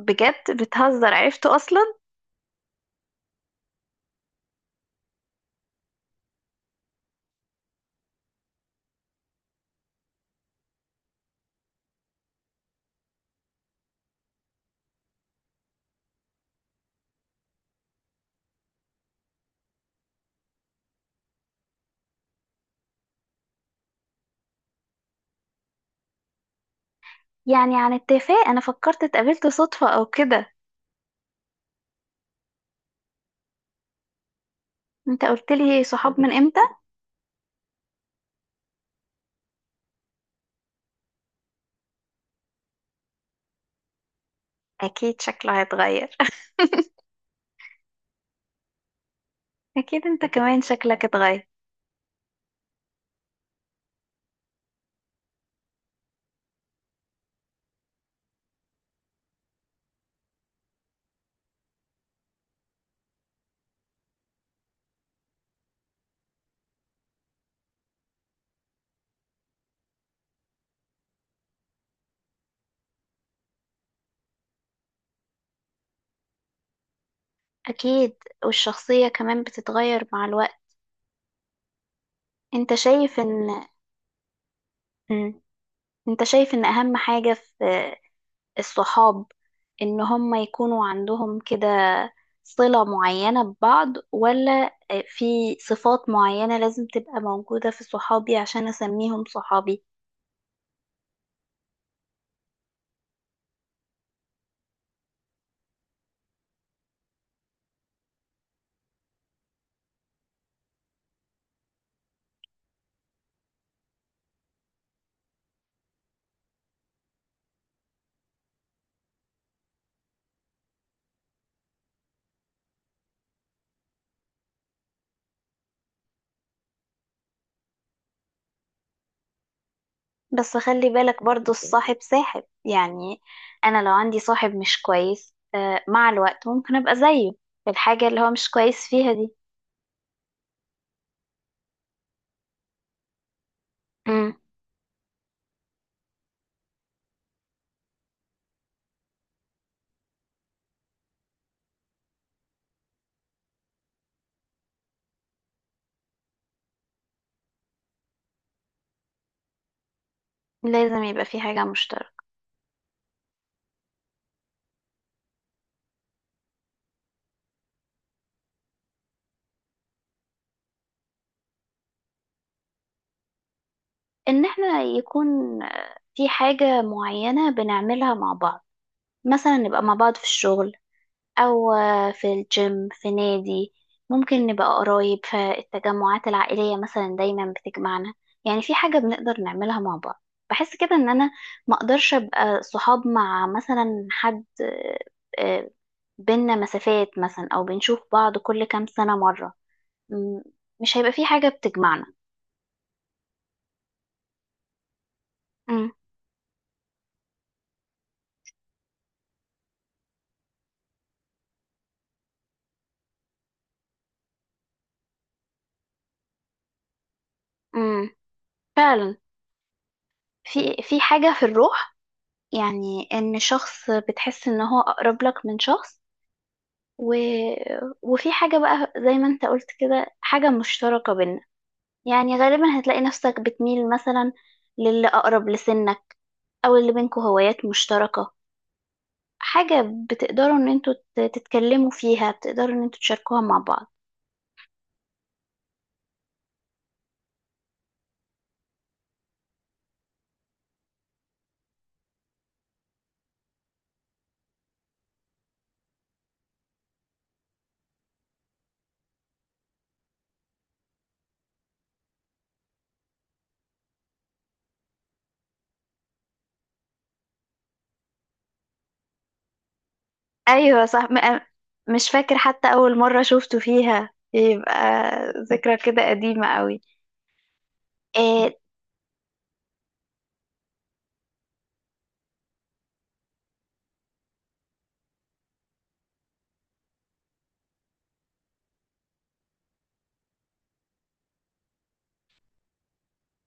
بجد بتهزر؟ عرفته اصلا؟ يعني عن اتفاق، انا فكرت اتقابلت صدفة او كده. انت قلت لي صحاب من امتى؟ اكيد شكله هيتغير. اكيد انت كمان شكلك اتغير. اكيد، والشخصية كمان بتتغير مع الوقت. انت شايف ان مم. انت شايف ان اهم حاجة في الصحاب ان هم يكونوا عندهم كده صلة معينة ببعض، ولا في صفات معينة لازم تبقى موجودة في صحابي عشان اسميهم صحابي؟ بس خلي بالك، برضو الصاحب ساحب يعني. انا لو عندي صاحب مش كويس مع الوقت ممكن ابقى زيه في الحاجة اللي هو مش كويس فيها دي. امم لازم يبقى في حاجة مشتركة. ان احنا يكون في حاجة معينة بنعملها مع بعض. مثلا نبقى مع بعض في الشغل، أو في الجيم، في نادي. ممكن نبقى قرايب فالتجمعات العائلية مثلا دايما بتجمعنا. يعني في حاجة بنقدر نعملها مع بعض. بحس كده إن أنا ما أقدرش أبقى صحاب مع مثلا حد آه، بينا مسافات مثلا، أو بنشوف بعض كل كام سنة مرة. م- مش هيبقى في حاجة بتجمعنا. م- م. فعلا. في حاجة في الروح، يعني إن شخص بتحس إن هو أقرب لك من شخص. و... وفي حاجة بقى زي ما انت قلت كده، حاجة مشتركة بينا. يعني غالبا هتلاقي نفسك بتميل مثلا للي أقرب لسنك، أو اللي بينكوا هوايات مشتركة، حاجة بتقدروا ان انتوا تتكلموا فيها، بتقدروا ان انتوا تشاركوها مع بعض. ايوه صح. مش فاكر حتى أول مرة شفتوا فيها، يبقى ذكرى كده قديمة قوي. إيه؟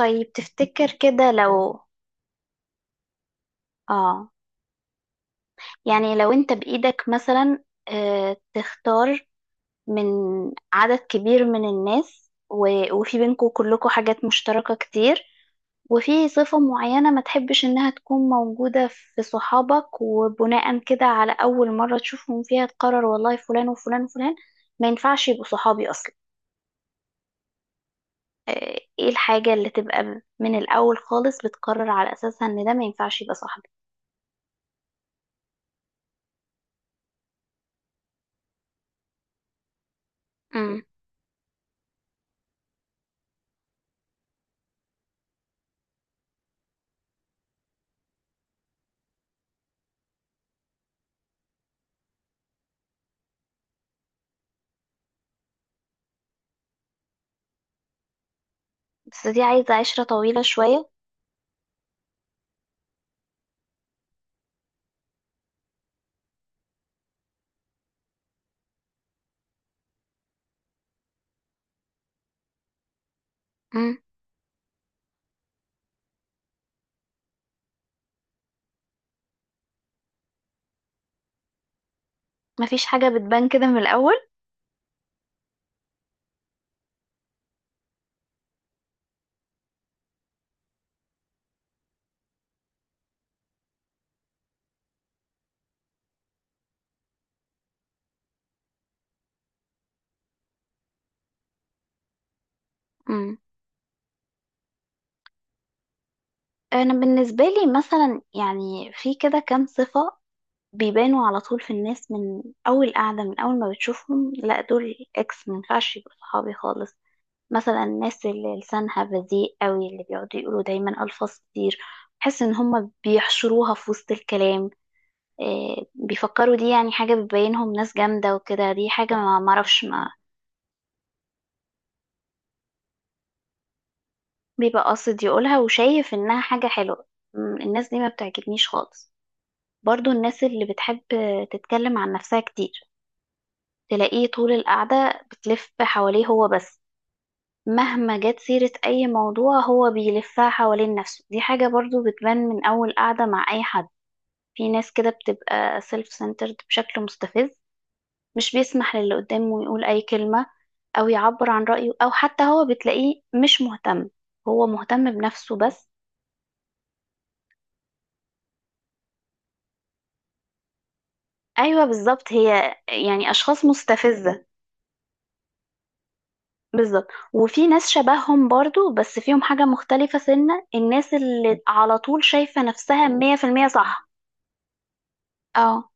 طيب تفتكر كده لو، اه يعني لو انت بإيدك مثلا تختار من عدد كبير من الناس، وفي بينكم كلكم حاجات مشتركة كتير، وفي صفة معينة ما تحبش إنها تكون موجودة في صحابك، وبناء كده على أول مرة تشوفهم فيها تقرر والله فلان وفلان وفلان ما ينفعش يبقوا صحابي أصلا. آه، إيه الحاجة اللي تبقى من الأول خالص بتقرر على أساسها إن ده ما ينفعش يبقى صاحبي؟ مم. بس دي عايزة عشرة طويلة شوية. مم. مفيش حاجة بتبان كده من الأول. انا بالنسبه لي مثلا، يعني في كده كام صفه بيبانوا على طول في الناس، من اول قعده، من اول ما بتشوفهم، لا دول اكس، ما ينفعش يبقوا صحابي خالص. مثلا الناس اللي لسانها بذيء قوي، اللي بيقعدوا يقولوا دايما الفاظ كتير، بحس ان هم بيحشروها في وسط الكلام. إيه بيفكروا؟ دي يعني حاجه بتبينهم ناس جامده وكده، دي حاجه ما معرفش، ما بيبقى قاصد يقولها وشايف انها حاجه حلوه. الناس دي ما بتعجبنيش خالص. برضو الناس اللي بتحب تتكلم عن نفسها كتير، تلاقيه طول القعدة بتلف حواليه هو بس، مهما جت سيرة أي موضوع هو بيلفها حوالين نفسه، دي حاجة برضو بتبان من أول قعدة مع أي حد. في ناس كده بتبقى سيلف سنترد بشكل مستفز، مش بيسمح للي قدامه يقول أي كلمة، أو يعبر عن رأيه، أو حتى هو بتلاقيه مش مهتم، هو مهتم بنفسه بس. أيوة بالظبط، هي يعني أشخاص مستفزة. بالظبط. وفي ناس شبههم برضو، بس فيهم حاجة مختلفة، سنة الناس اللي على طول شايفة نفسها مية في المية صح. اه،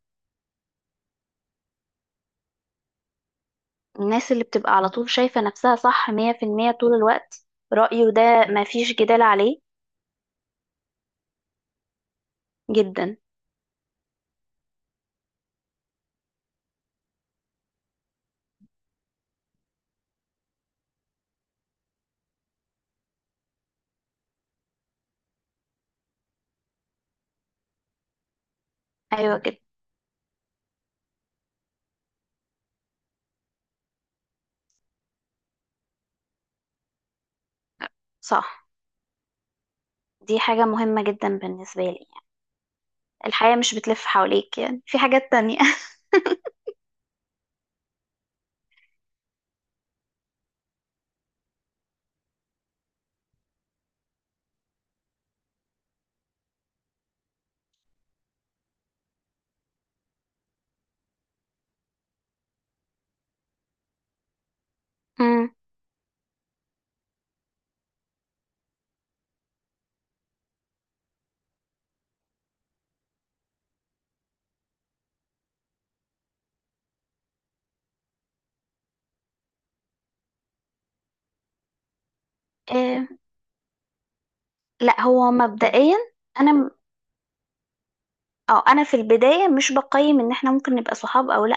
الناس اللي بتبقى على طول شايفة نفسها صح مية في المية طول الوقت، رأيه ده مفيش جدال عليه. جدا. أيوة جدا صح. دي حاجة مهمة جدا بالنسبة لي يعني. الحياة مش بتلف حواليك، يعني في حاجات تانية. أمم. إيه. لا، هو مبدئيا أنا اه انا في البدايه مش بقيم ان احنا ممكن نبقى صحاب او لا،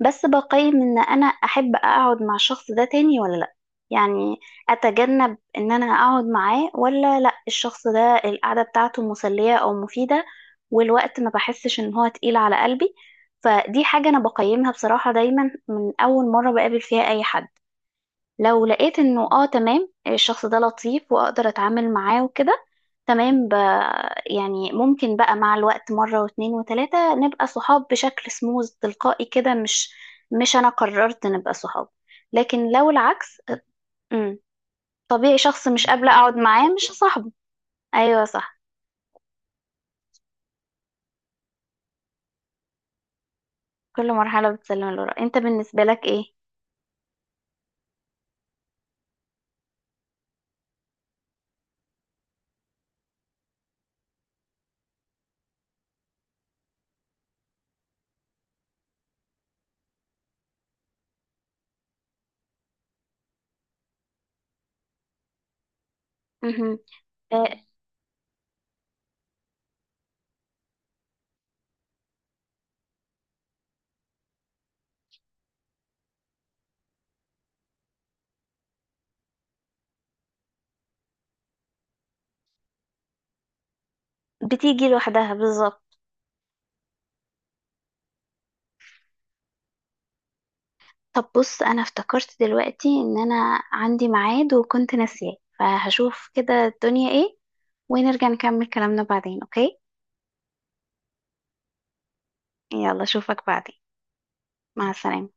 بس بقيم ان انا احب اقعد مع الشخص ده تاني ولا لا. يعني اتجنب ان انا اقعد معاه ولا لا، الشخص ده القعده بتاعته مسليه او مفيده، والوقت ما بحسش ان هو تقيل على قلبي. فدي حاجه انا بقيمها بصراحه دايما من اول مره بقابل فيها اي حد. لو لقيت انه تمام، الشخص ده لطيف واقدر اتعامل معاه وكده، تمام. يعني ممكن بقى مع الوقت، مرة واتنين وتلاتة نبقى صحاب بشكل سموز تلقائي كده، مش انا قررت نبقى صحاب، لكن لو العكس. امم طبيعي شخص مش قابلة اقعد معاه مش صاحبه. ايوه صح. كل مرحلة بتسلم لورا. انت بالنسبة لك ايه؟ مهم. آه، بتيجي لوحدها بالظبط. طب بص، انا افتكرت دلوقتي ان انا عندي ميعاد وكنت ناسياه، فهشوف كده الدنيا ايه، ونرجع نكمل كلامنا بعدين، اوكي؟ يلا اشوفك بعدين. مع السلامة.